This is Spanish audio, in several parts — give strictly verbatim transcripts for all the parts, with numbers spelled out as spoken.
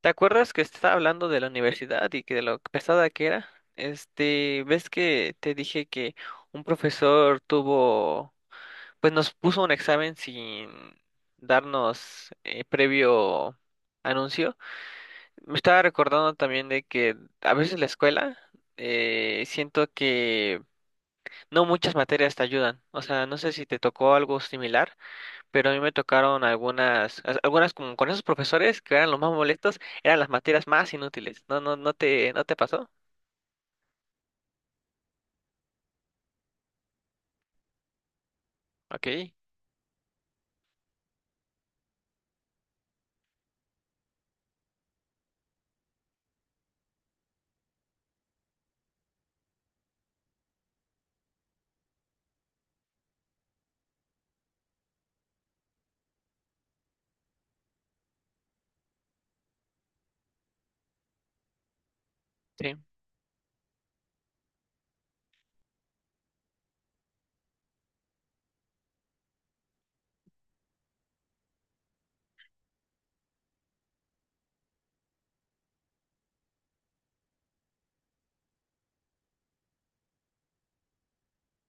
¿Te acuerdas que estaba hablando de la universidad y que de lo pesada que era? Este, ¿ves que te dije que un profesor tuvo, pues nos puso un examen sin darnos eh, previo anuncio? Me estaba recordando también de que a veces la escuela eh, siento que no muchas materias te ayudan. O sea, no sé si te tocó algo similar pero a mí me tocaron algunas, as- algunas como con esos profesores que eran los más molestos, eran las materias más inútiles. No, no, no te, no te pasó. Ok, sí.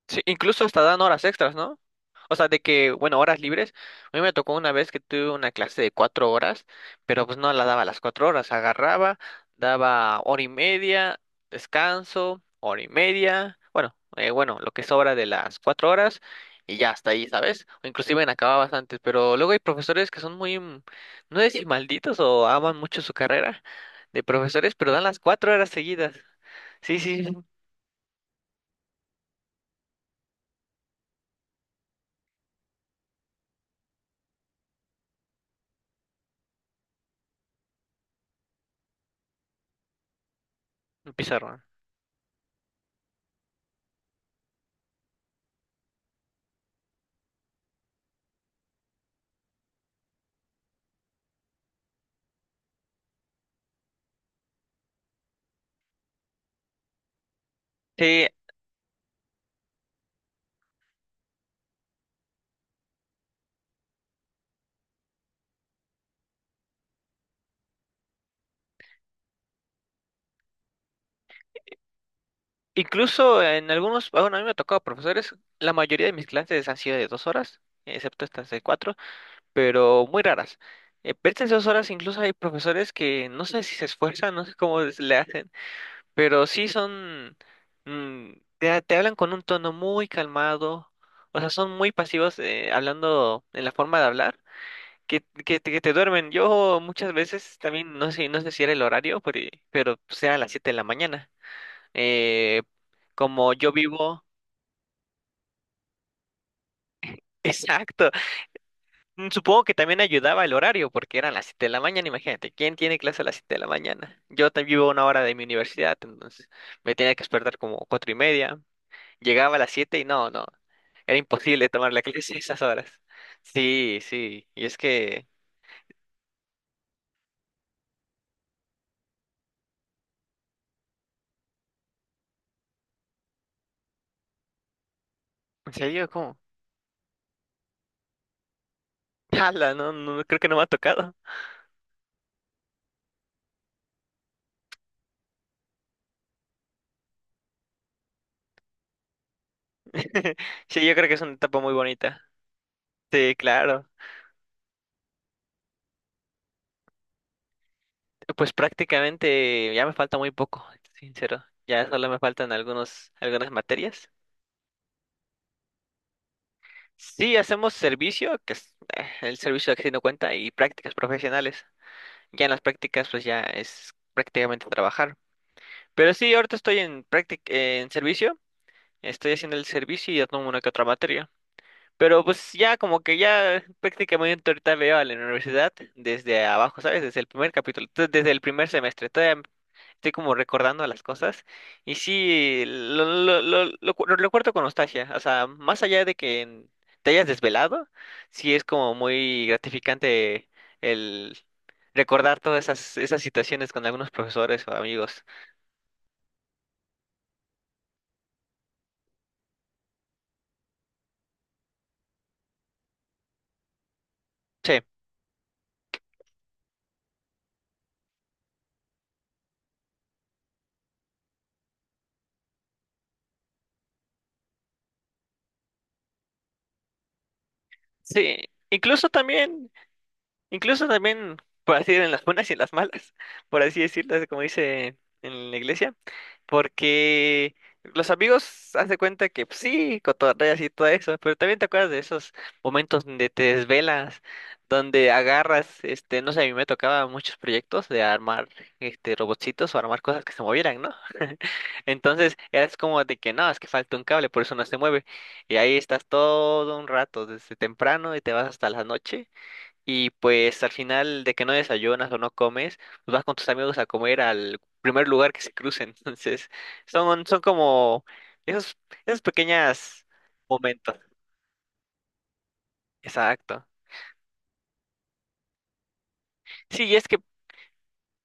Sí, incluso hasta dan horas extras, ¿no? O sea, de que, bueno, horas libres. A mí me tocó una vez que tuve una clase de cuatro horas, pero pues no la daba las cuatro horas. Agarraba, daba hora y media, descanso, hora y media. Bueno, eh, bueno, lo que sobra de las cuatro horas y ya hasta ahí, ¿sabes? O inclusive en acababas antes, pero luego hay profesores que son muy, mm, no sé si malditos o aman mucho su carrera de profesores, pero dan las cuatro horas seguidas. Sí, sí, un pizarrón. Sí, incluso en algunos, bueno, a mí me ha tocado profesores, la mayoría de mis clases han sido de dos horas, excepto estas de cuatro, pero muy raras. Eh, pero estas dos horas incluso hay profesores que no sé si se esfuerzan, no sé cómo les- le hacen, pero sí son, mm, te, te hablan con un tono muy calmado, o sea, son muy pasivos eh, hablando en la forma de hablar, que, que, te- que te duermen. Yo muchas veces también, no sé, no sé si era el horario, pero, pero sea a las siete de la mañana. Eh, como yo vivo, exacto. Mm, supongo que también ayudaba el horario, porque eran las siete de la mañana, imagínate, ¿quién tiene clase a las siete de la mañana? Yo también vivo a una hora de mi universidad, entonces me tenía que despertar como cuatro y media. Llegaba a las siete y no, no, era imposible tomar la clase a esas horas. Sí, sí, y es que, en serio, ¿cómo? Ala, no, no, creo que no me ha tocado. Sí, yo creo que es una etapa muy bonita. Sí, claro. Pues prácticamente ya me falta muy poco, sincero. Ya solo me faltan algunos, algunas materias. Sí, hacemos servicio, que es eh, el servicio que no cuenta, y prácticas profesionales. Ya en las prácticas, pues ya es prácticamente trabajar. Pero sí, ahorita estoy en práctic- en servicio, estoy haciendo el servicio y ya tomo una que otra materia. Pero pues ya como que ya prácticamente ahorita veo a la universidad desde abajo, ¿sabes? Desde el primer capítulo, t- desde el primer semestre. Estoy como recordando las cosas y sí, lo, lo, lo, lo cu- lo recuerdo con nostalgia, o sea, más allá de que te hayas desvelado, sí es como muy gratificante el recordar todas esas, esas situaciones con algunos profesores o amigos. Sí, sí, incluso también, incluso también, por así decir, en las buenas y en las malas, por así decirlo, como dice en la iglesia. Porque los amigos haz de cuenta que pues, sí, cotorreas y todo eso, pero también te acuerdas de esos momentos donde te desvelas, donde agarras, este, no sé, a mí me tocaba muchos proyectos de armar este robotcitos o armar cosas que se movieran, ¿no? Entonces, eras como de que no, es que falta un cable, por eso no se mueve. Y ahí estás todo un rato, desde temprano y te vas hasta la noche. Y pues al final de que no desayunas o no comes, pues vas con tus amigos a comer al primer lugar que se cruce. Entonces, son, son como esos, esos pequeños momentos. Exacto. Sí, y es que,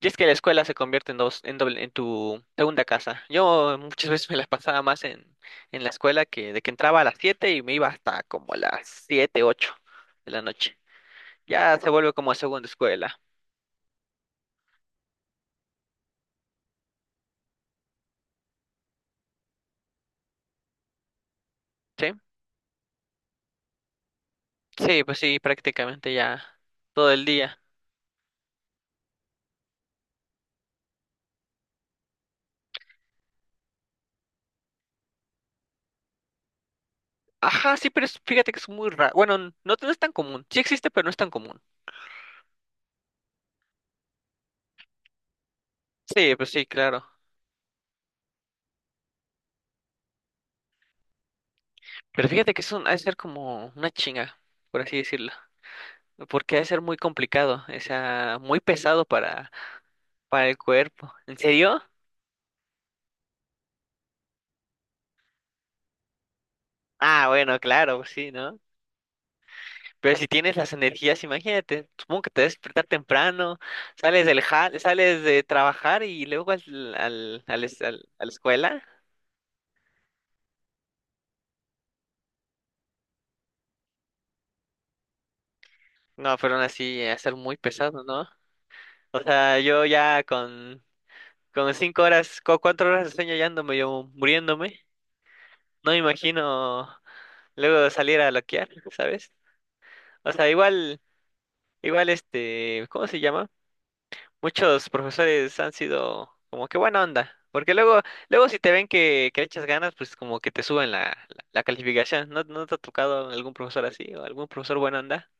y es que la escuela se convierte en dos, en doble, en tu segunda casa. Yo muchas veces me las pasaba más en, en la escuela que de que entraba a las siete y me iba hasta como las siete ocho de la noche. Ya se vuelve como segunda escuela. ¿Sí? Sí, pues sí, prácticamente ya todo el día. Ajá, sí, pero es- fíjate que es muy raro. Bueno, n- no, no es tan común. Sí existe, pero no es tan común. Sí, pues sí, claro. Pero fíjate que es un, ha de ser como una chinga, por así decirlo. Porque ha de ser muy complicado, o sea, muy pesado para, para el cuerpo. ¿En serio? Ah, bueno, claro, pues sí, ¿no? Pero si tienes las energías, imagínate, supongo que te debes despertar temprano, sales del ja- sales de trabajar y luego al, al, al, es- al- a la escuela. No, pero aún así, ha de ser muy pesado, ¿no? O sea, yo ya con Con cinco horas, con cuatro horas de sueño ya ando medio muriéndome. No me imagino luego salir a loquear, ¿sabes? O sea, igual, igual este, ¿cómo se llama? Muchos profesores han sido como que buena onda. Porque luego, luego si te ven que, que le echas ganas, pues como que te suben la, la, la calificación. ¿No, no te ha tocado algún profesor así o algún profesor buena onda?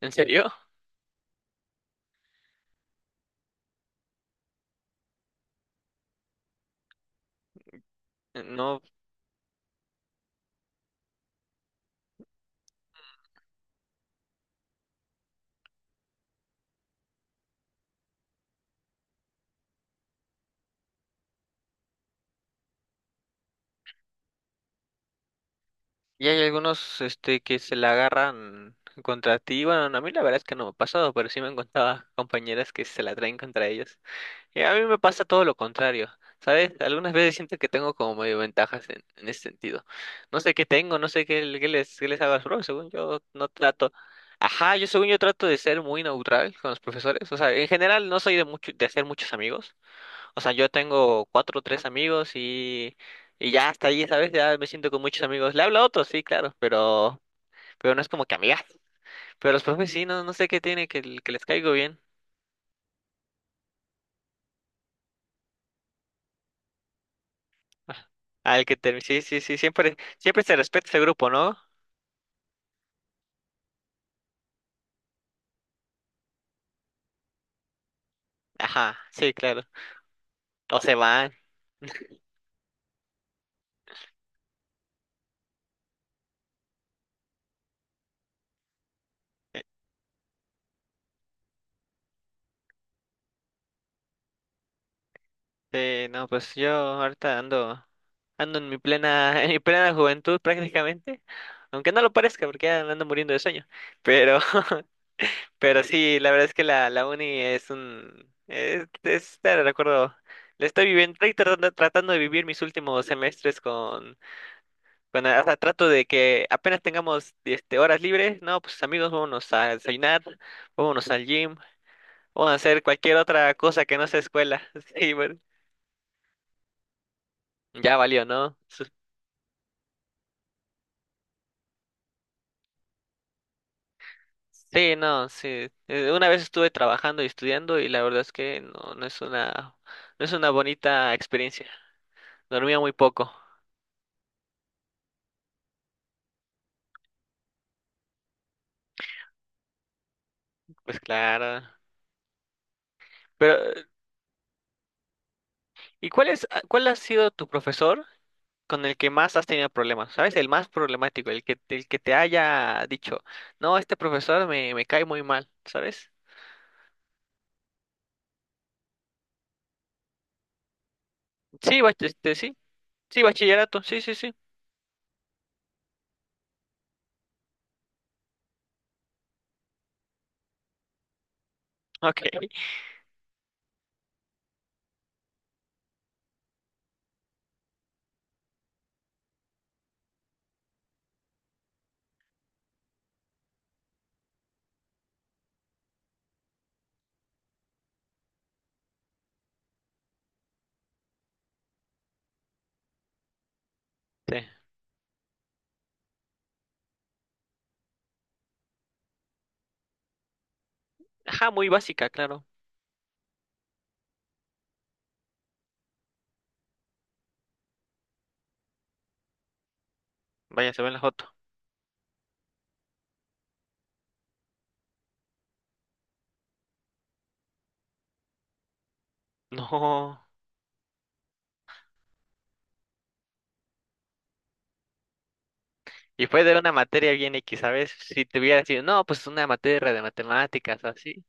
¿En serio? No. Y hay algunos este que se la agarran contra ti. Bueno, a mí la verdad es que no me ha pasado, pero sí me han contado compañeras que se la traen contra ellos. Y a mí me pasa todo lo contrario, ¿sabes? Algunas veces siento que tengo como medio ventajas en, en ese sentido. No sé qué tengo, no sé qué, qué les, qué les hago a los profes, según yo no trato. Ajá, yo según yo trato de ser muy neutral con los profesores. O sea, en general no soy de mucho, de hacer muchos amigos. O sea, yo tengo cuatro o tres amigos y, y ya hasta ahí, ¿sabes? Ya me siento con muchos amigos. Le hablo a otros, sí, claro, pero, pero no es como que amigas. Pero los profes sí, no, no sé qué tiene, que, l- que les caigo bien. Ah. Al que te, sí, sí, sí, siempre, siempre se respeta ese grupo, ¿no? Ajá, sí, claro. O se van. Sí, no, pues yo ahorita ando, ando en mi plena, en mi plena juventud prácticamente. Aunque no lo parezca, porque ya me ando muriendo de sueño. Pero pero sí, la verdad es que la, la uni es un... Es, es- te recuerdo, le estoy viviendo, estoy tratando, tratando de vivir mis últimos semestres con, con... O sea, trato de que apenas tengamos este, horas libres, no, pues amigos, vámonos a desayunar, vámonos al gym, vamos a hacer cualquier otra cosa que no sea escuela. Sí, bueno, ya valió, ¿no? Su- sí, no, sí. Eh, una vez estuve trabajando y estudiando y la verdad es que no, no es una, no es una bonita experiencia. Dormía muy poco. Pues claro. Pero, ¿y cuál es, ah, cuál ha sido tu profesor con el que más has tenido problemas? ¿Sabes? El más problemático, el que, el que te haya dicho, no, este profesor me, me cae muy mal, ¿sabes? Sí, bach- este, sí, sí, bachillerato, sí, sí, sí. Ok. Sí. Ajá, muy básica, claro. Vaya, se ve en la foto. No. Y fue de una materia bien equis, ¿sabes? Si te hubiera dicho, no, pues una materia de matemáticas, así.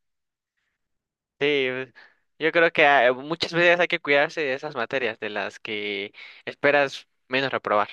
Sí, pues, yo creo que ah, muchas veces hay que cuidarse de esas materias de las que esperas menos reprobar.